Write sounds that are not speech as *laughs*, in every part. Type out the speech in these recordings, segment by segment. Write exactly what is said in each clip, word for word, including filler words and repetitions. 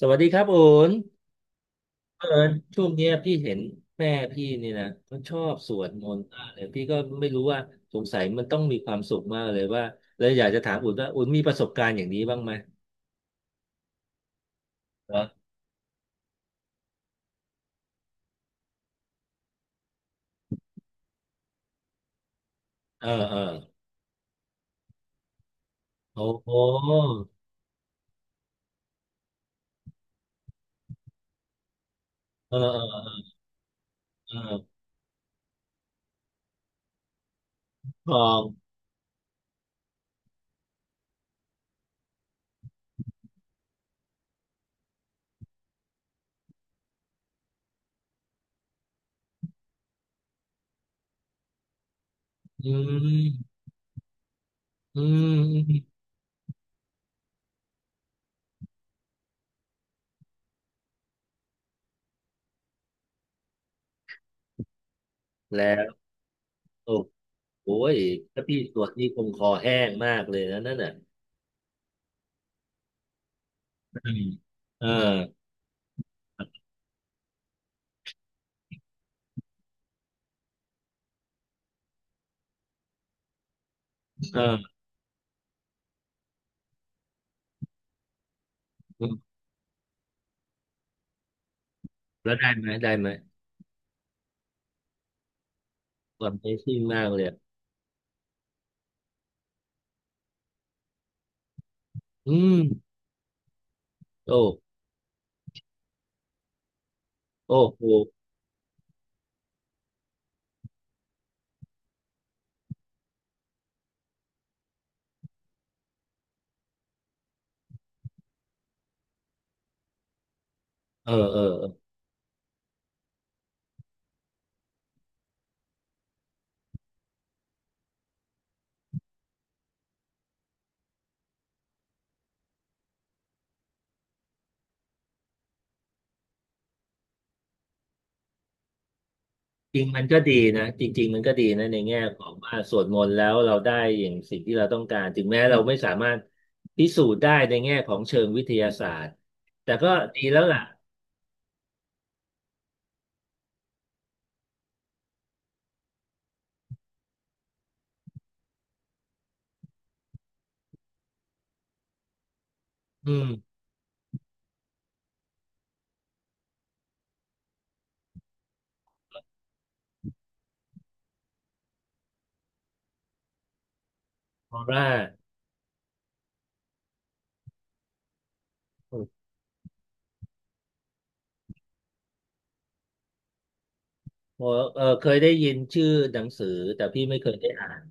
สวัสดีครับโอนเออช่วงเนี้ยพี่เห็นแม่พี่นี่นะมันชอบสวดมนต์มากเลยพี่ก็ไม่รู้ว่าสงสัยมันต้องมีความสุขมากเลยว่าเลยอยากจะถามอุ่นว่าอุ่นมีประสบการณ์อย่างนี้บ้างไหมเหรอเออเออโอ้โหเออเออเออทองอืมอืมอืมแล้วโอ้โหยถ้าพี่สวดนี่คงคอแห้งมากเลยนะนั่นน่ะอืมเออเออแล้วได้ไหมได้ไหม a อนเมซิมากเลยอะอืมโอ้ โอ้โหเออเออเออจริงมันก็ดีนะจริงๆมันก็ดีนะในแง่ของว่าสวดมนต์แล้วเราได้อย่างสิ่งที่เราต้องการถึงแม้เราไม่สามารถพิสูจน์ได้ในแง่ของเชิงวิทยาศาสตร์ แต่ก็ดีแล้วล่ะอืมออร่าโอ้โเเออเคยได้ยินชื่อหนังสือแต่พี่ไม่เคยได้อ่าน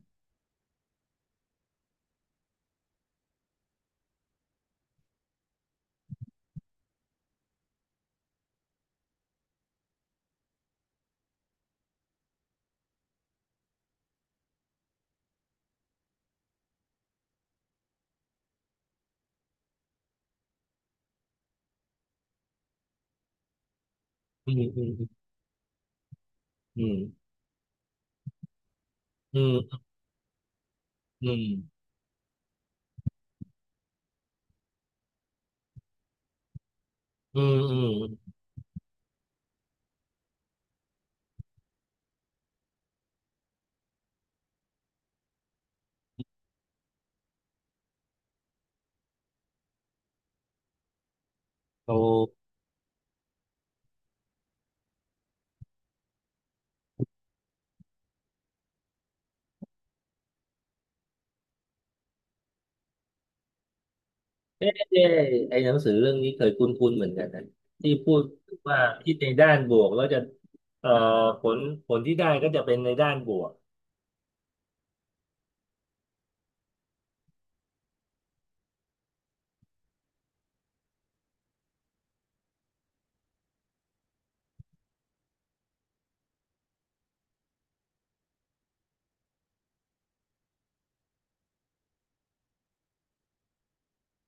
อืมอืมอืมอืมอืมอืมอืมอืมอืมโอ้ เอ๊ะเอ๊ะไอ้หนังสือเรื่องนี้เคยคุ้นๆเหมือนกันนะที่พูดว่าคิดในด้านบวกแล้วจะเอ่อผลผลที่ได้ก็จะเป็นในด้านบวก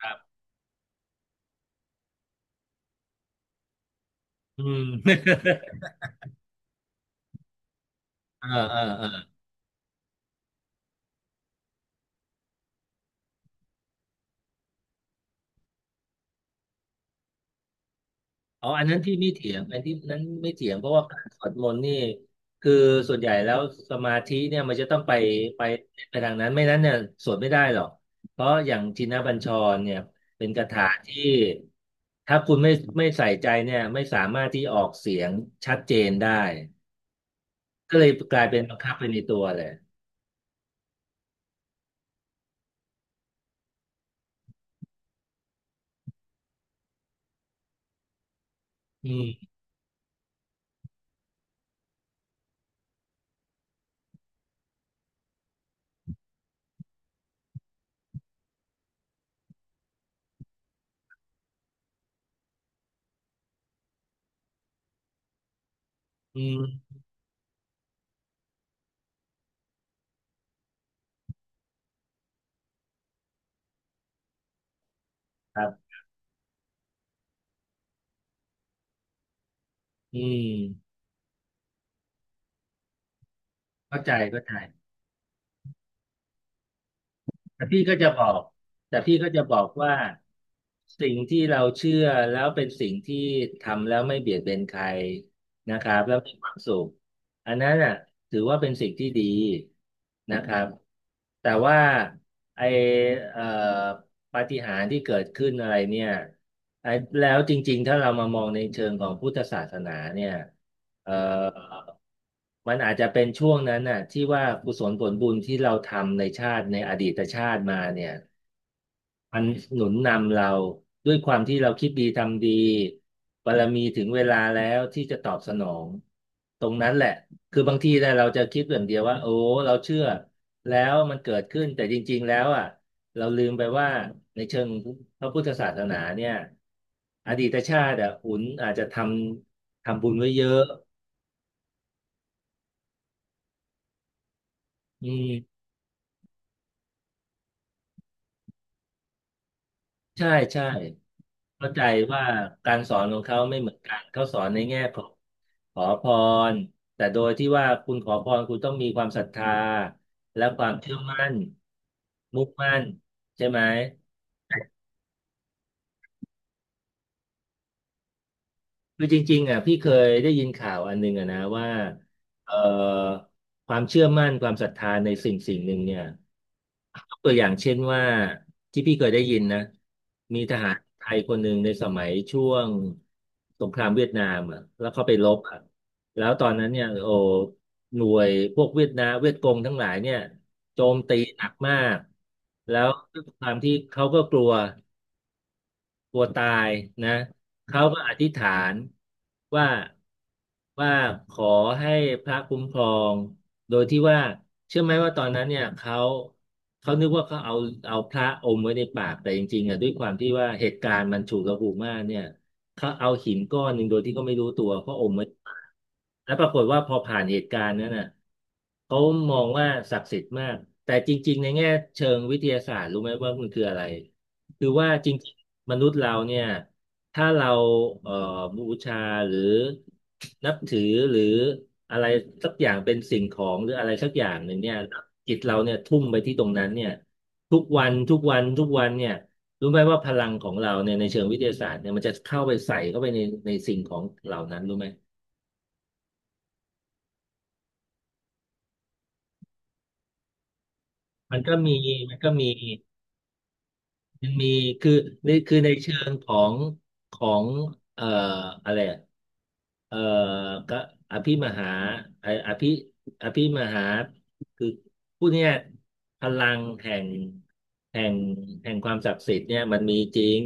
ครับอืม *laughs* เออเออเออ อ๋ออันนั้นที่ไม่เถียงอันที่นั้นไม่เถียงเพราะว่าการสวดมนต์นี่คือส่วนใหญ่แล้วสมาธิเนี่ยมันจะต้องไปไปไปทางนั้นไม่นั้นเนี่ยสวดไม่ได้หรอกเพราะอย่างทินบัญชรเนี่ยเป็นคาถาที่ถ้าคุณไม่ไม่ใส่ใจเนี่ยไม่สามารถที่ออกเสียงชัดเจนได้ก็เลยกลายเป็นบังคับไปในตัวเลยอืมอืมครับอืมเข้าใจเข้าใจ แต่พี่ก็จะบอกแต่พี่ก็จะบอกว่าสิ่งที่เราเชื่อแล้วเป็นสิ่งที่ทำแล้วไม่เบียดเบียนใครนะครับแล้วมีความสุขอันนั้นอ่ะถือว่าเป็นสิ่งที่ดีนะครับแต่ว่าไอเอ่อปาฏิหาริย์ที่เกิดขึ้นอะไรเนี่ยไอแล้วจริงๆถ้าเรามามองในเชิงของพุทธศาสนาเนี่ย เอ่อมันอาจจะเป็นช่วงนั้นน่ะที่ว่ากุศลผลบุญที่เราทำในชาติในอดีตชาติมาเนี่ยมันหนุนนำเราด้วยความที่เราคิดดีทำดีบารมีถึงเวลาแล้วที่จะตอบสนองตรงนั้นแหละคือบางทีเนี่ยเราจะคิดอย่างเดียวว่าโอ้เราเชื่อแล้วมันเกิดขึ้นแต่จริงๆแล้วอ่ะเราลืมไปว่าในเชิงพระพุทธศาสนาเนี่ยอดีตชาติอ่ะหุนอาจจะทำทำบุญไว้เยอะอืม ใช่ใช่เข้าใจว่าการสอนของเขาไม่เหมือนกันเขาสอนในแง่ของขอพรแต่โดยที่ว่าคุณขอพรคุณต้องมีความศรัทธาและความเชื่อมั่นมุ่งมั่นใช่ไหม คือจริงๆอ่ะพี่เคยได้ยินข่าวอันหนึงอ่ะนะว่าเอ่อความเชื่อมั่นความศรัทธาในสิ่งสิ่งหนึ่งเนี่ยยกตัวอย่างเช่นว่าที่พี่เคยได้ยินนะมีทหารไทยคนหนึ่งในสมัยช่วงสงครามเวียดนามอ่ะแล้วเขาไปรบอ่ะแล้วตอนนั้นเนี่ยโอ้หน่วยพวกเวียดนามเวียดกงทั้งหลายเนี่ยโจมตีหนักมากแล้วด้วยความที่เขาก็กลัว กลัวตายนะเขาก็อธิษฐานว่าว่าขอให้พระคุ้มครอง โดยที่ว่าเชื่อไหมว่าตอนนั้นเนี่ยเขาเขานึกว่าเขาเอาเอาพระอมไว้ในปากแต่จริงๆอ่ะด้วยความที่ว่าเหตุการณ์มันฉุกละหุกมากเนี่ยเขาเอาหินก้อนหนึ่งโดยที่เขาไม่รู้ตัวเขาอมไว้แล้วปรากฏว่าพอผ่านเหตุการณ์นั้นน่ะเขามองว่าศักดิ์สิทธิ์มากแต่จริงๆในแง่เชิงวิทยาศาสตร์รู้ไหมว่ามันคืออะไร คือว่าจริงๆมนุษย์เราเนี่ยถ้าเราเอ่อบูชาหรือนับถือหรืออะไรสักอย่างเป็นสิ่งของหรืออะไรสักอย่างหนึ่งเนี่ยจิตเราเนี่ยทุ่มไปที่ตรงนั้นเนี่ยทุกวันทุกวันทุกวันเนี่ยรู้ไหมว่าพลังของเราเนี่ยในเชิงวิทยาศาสตร์เนี่ยมันจะเข้าไปใส่เข้าไปในในสิ่งของเหล่านั้นรู้ไหมมันก็มีมันก็มี ยังมีคือในคือในเชิงของของเอ่ออะไรอะเอ่อก็อภิมหาไออภิอภิมหาคือผู้เนี้ยพลังแห่งแห่งแห่งความศักดิ์สิทธิ์เนี่ยมันมีจริง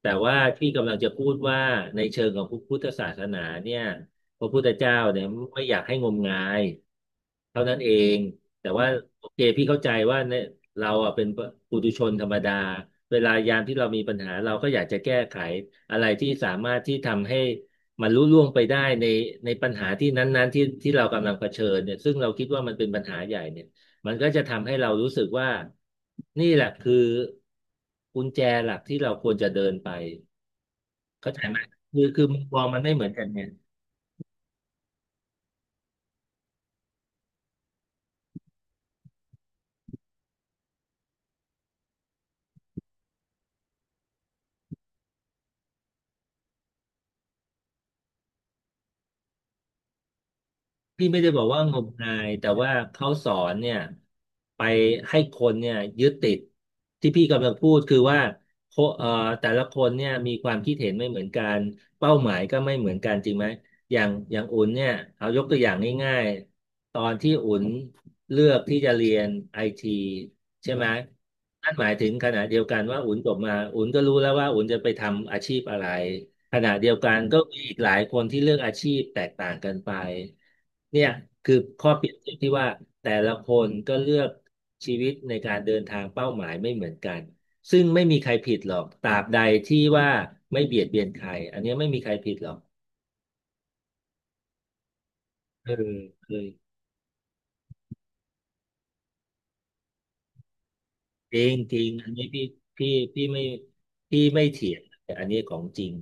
แต่ว่าที่กำลังจะพูดว่าในเชิงของพุทธศาสนาเนี่ยพระพุทธเจ้าเนี่ยไม่อยากให้งมงายเท่านั้นเอง แต่ว่าโอเคพี่เข้าใจว่าเนี่ยเราอ่ะเป็นปุถุชนธรรมดาเวลายามที่เรามีปัญหาเราก็อยากจะแก้ไขอะไรที่สามารถที่ทำให้มันลุล่วงไปได้ในในปัญหาที่นั้นๆที่ที่เรากำลังเผชิญเนี่ยซึ่งเราคิดว่ามันเป็นปัญหาใหญ่เนี่ยมันก็จะทำให้เรารู้สึกว่านี่แหละคือกุญแจหลักที่เราควรจะเดินไปเข้าใจไหมคือคือมุมมองมันไม่เหมือนกันเนี่ย พี่ไม่ได้บอกว่างมงายแต่ว่าเขาสอนเนี่ยไปให้คนเนี่ยยึดติดที่พี่กำลังพูดคือว่าโคเอ่อแต่ละคนเนี่ยมีความคิดเห็นไม่เหมือนกันเป้าหมายก็ไม่เหมือนกันจริงไหมอย่างอย่างอุ่นเนี่ยเอายกตัวอย่างง่ายๆตอนที่อุ่นเลือกที่จะเรียนไอทีใช่ไหมนั่นหมายถึงขณะเดียวกันว่าอุ่นจบมาอุ่นก็รู้แล้วว่าอุ่นจะไปทำอาชีพอะไร ขณะเดียวกันก็มีอีกหลายคนที่เลือกอาชีพแตกต่างกันไปเนี่ยคือข้อเปรียบเทียบที่ว่าแต่ละคนก็เลือกชีวิตในการเดินทางเป้าหมายไม่เหมือนกันซึ่งไม่มีใครผิดหรอกตราบใดที่ว่าไม่เบียดเบียนใครอันเนี้ยไม่มีใครผิดหรอกเออเออจริงจริงอันนี้พี่พี่พี่ไม่พี่ไม่เถียงอันนี้ของจริง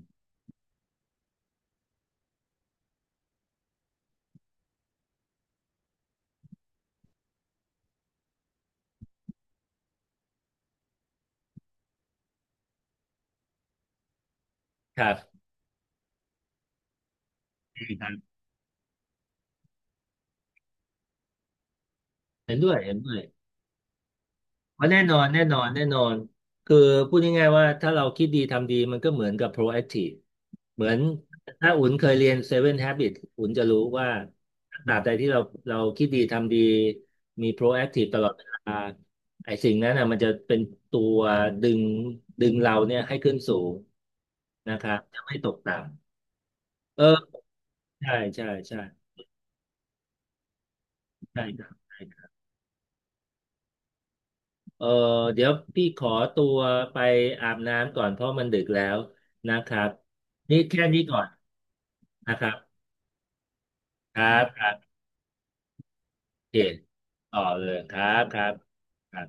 ครับครับเห็นด้วยเห็นด้วย อ๋อแน่นอนแน่นอนแน่นอนคือพูดง่ายๆว่าถ้าเราคิดดีทำดีมันก็เหมือนกับ proactive เหมือนถ้าอุ่นเคยเรียน Seven Habits อุ่นจะรู้ว่าตราบใดที่เราเราคิดดีทำดีมี proactive ตลอดเวลาไอ้สิ่งนั้นนะมันจะเป็นตัวดึงดึงเราเนี่ยให้ขึ้นสูงนะครับจะไม่ตกต่ำเออใช่ใช่ใช่ใช่ครับ เออเดี๋ยวพี่ขอตัวไปอาบน้ำก่อนเพราะมันดึกแล้วนะครับนี่แค่นี้ก่อนนะครับครับครับโอเคต่อเลยครับครับ